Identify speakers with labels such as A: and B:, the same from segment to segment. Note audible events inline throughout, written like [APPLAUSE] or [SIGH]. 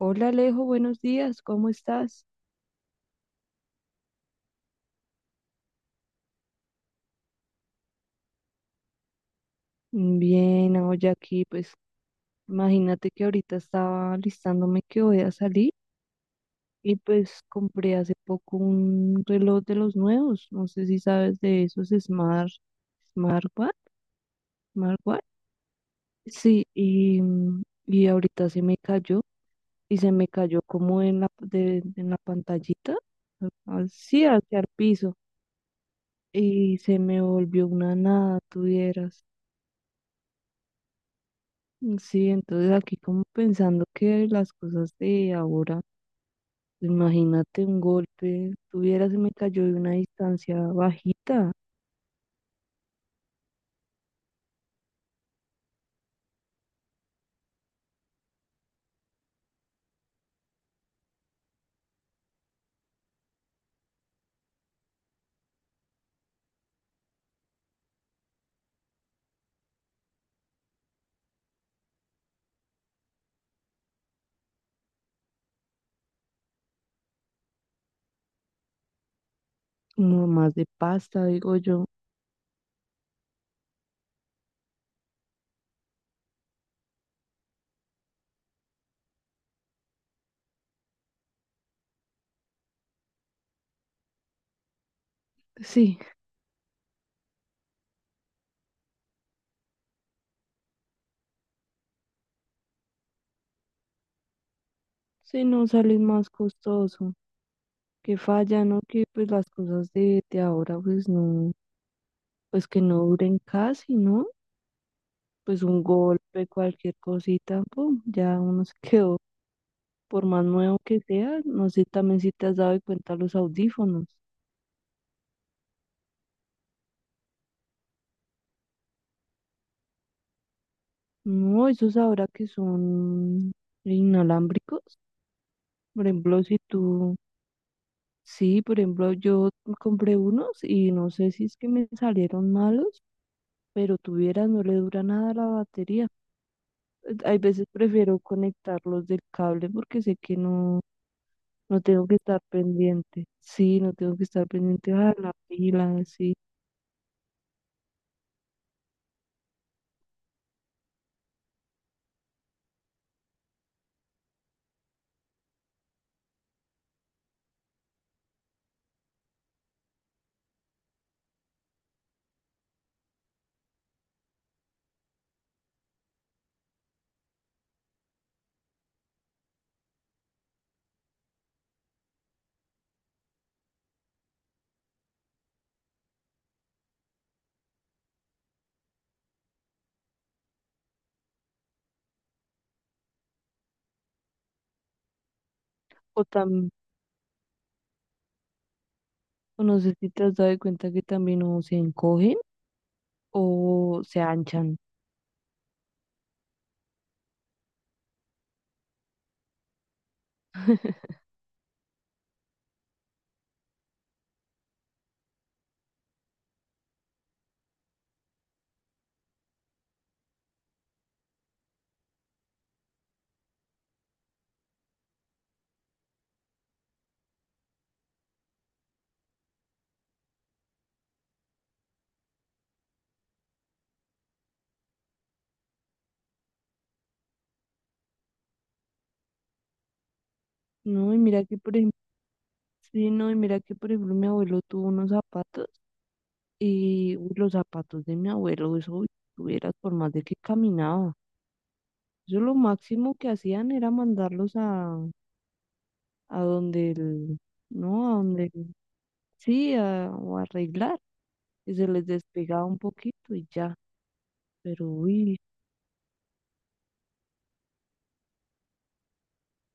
A: Hola Alejo, buenos días, ¿cómo estás? Bien, hoy aquí, pues imagínate que ahorita estaba listándome que voy a salir y pues compré hace poco un reloj de los nuevos, no sé si sabes de esos Smart, Smartwatch, Smartwatch. Sí, y, y ahorita se me cayó y se me cayó como en en la pantallita, así hacia el piso y se me volvió una nada, tuvieras. Sí, entonces aquí como pensando que las cosas de ahora, imagínate un golpe, tuviera, se me cayó de una distancia bajita, como más de pasta, digo yo. Sí, sí, no sale más costoso, que falla, ¿no? Que pues las cosas de ahora, pues no, pues que no duren casi, ¿no? Pues un golpe, cualquier cosita, pum, ya uno se [LAUGHS] quedó, por más nuevo que sea, no sé también si te has dado cuenta los audífonos. No, esos ahora que son inalámbricos. Por ejemplo, si tú, sí, por ejemplo, yo compré unos y no sé si es que me salieron malos, pero tuvieras, no le dura nada a la batería. Hay veces prefiero conectarlos del cable porque sé que no, no tengo que estar pendiente. Sí, no tengo que estar pendiente a la pila, sí. O también, no sé si te has dado cuenta que también o se encogen o se anchan. No, y mira que, por ejemplo, sí, no, y mira que por ejemplo mi abuelo tuvo unos zapatos y uy, los zapatos de mi abuelo, eso uy, tuvieras por más de que caminaba. Eso lo máximo que hacían era mandarlos a donde el, no, sí, o arreglar, y se les despegaba un poquito y ya, pero uy,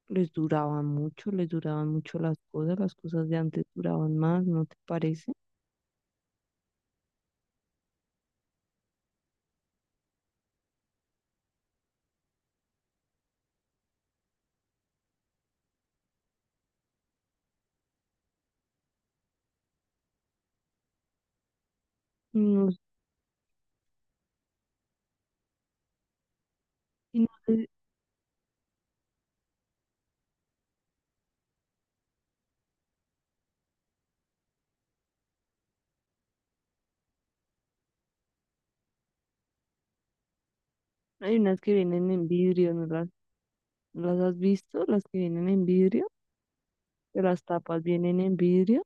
A: les duraban mucho las cosas de antes duraban más, ¿no te parece? Y no, y no sé, hay unas que vienen en vidrio, no las has visto? Las que vienen en vidrio. Que las tapas vienen en vidrio.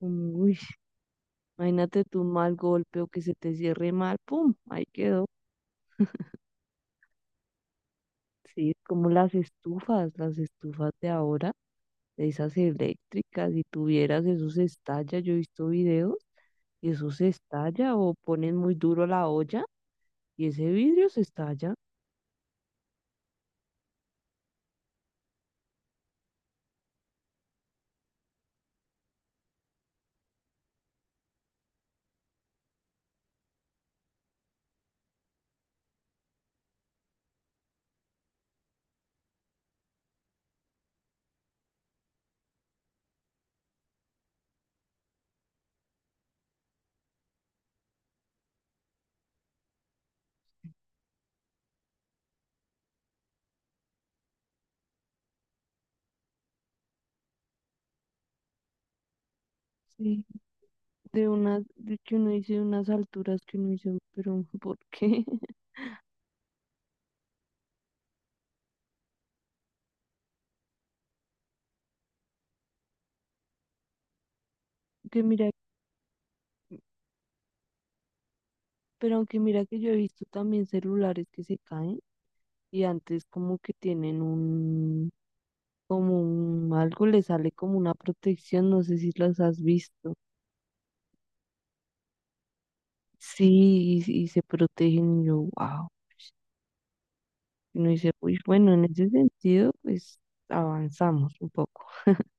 A: Uy, imagínate tú un mal golpe o que se te cierre mal, pum, ahí quedó. Sí, es como las estufas de ahora, de esas eléctricas, si tuvieras eso se estalla, yo he visto videos y eso se estalla o ponen muy duro la olla y ese vidrio se estalla. Sí, de unas, de que uno dice unas alturas que uno dice, pero ¿por qué? [LAUGHS] Que mira, pero aunque mira que yo he visto también celulares que se caen y antes como que tienen un, algo le sale como una protección, no sé si las has visto. Sí, y se protegen, y yo, wow. Y uno dice, uy, bueno, en ese sentido, pues avanzamos un poco, [LAUGHS]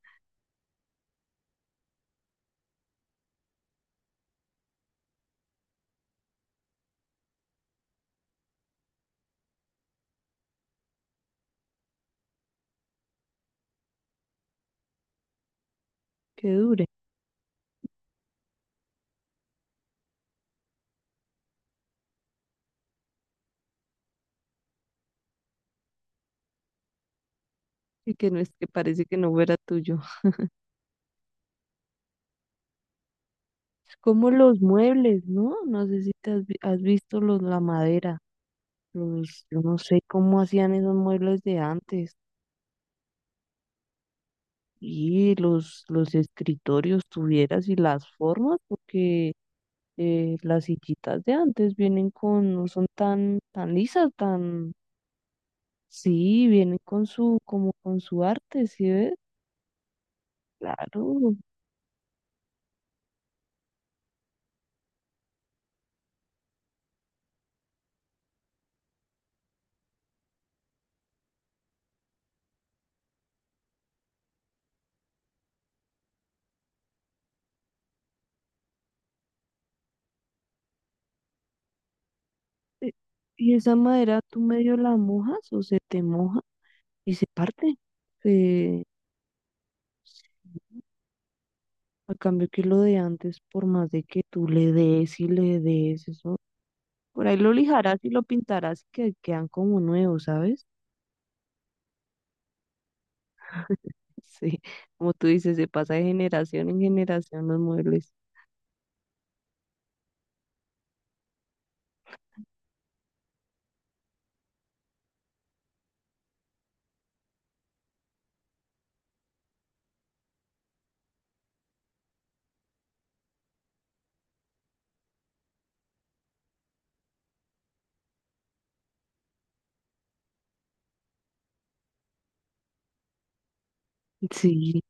A: que dure, y que no es que parece que no fuera tuyo. [LAUGHS] Es como los muebles, ¿no? No sé si has visto los, la madera, los, yo no sé cómo hacían esos muebles de antes. Y los escritorios tuvieras y las formas, porque las sillitas de antes vienen con, no son tan lisas, tan, sí, vienen con su, como con su arte, ¿sí ves? Claro. E- Y esa madera tú medio la mojas o se te moja y se parte. Se, se- a cambio que lo de antes, por más de que tú le des y le des eso, por ahí lo lijarás y lo pintarás y que quedan como nuevos, ¿sabes? Sí, como tú dices, se pasa de generación en generación los muebles. Sí,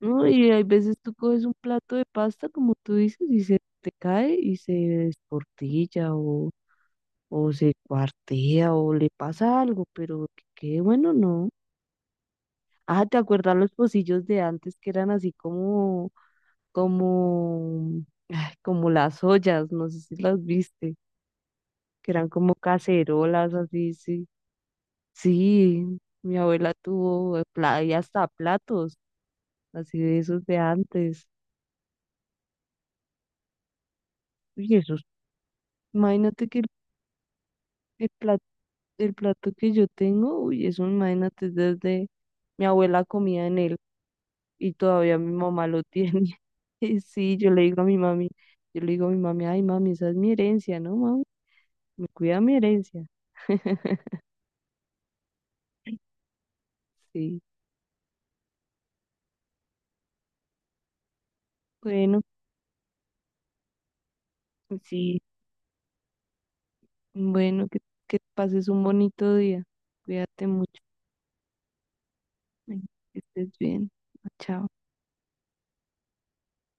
A: no, y hay veces tú coges un plato de pasta, como tú dices, y se te cae y se desportilla o se cuartea o le pasa algo, pero qué bueno, no. Ah, ¿te acuerdas los pocillos de antes que eran así como, como, ay, como las ollas? No sé si las viste, que eran como cacerolas así, sí. Sí, mi abuela tuvo y hasta platos, así de esos de antes. Uy, esos, imagínate que el plato, el plato que yo tengo, uy, eso imagínate desde mi abuela comía en él y todavía mi mamá lo tiene. [LAUGHS] Y sí, yo le digo a mi mami, yo le digo a mi mami, ay mami, esa es mi herencia, ¿no, mami? Me cuida mi herencia. [LAUGHS] Sí, bueno, sí, bueno, que pases un bonito día. Cuídate mucho. Bueno, que estés bien. Chao.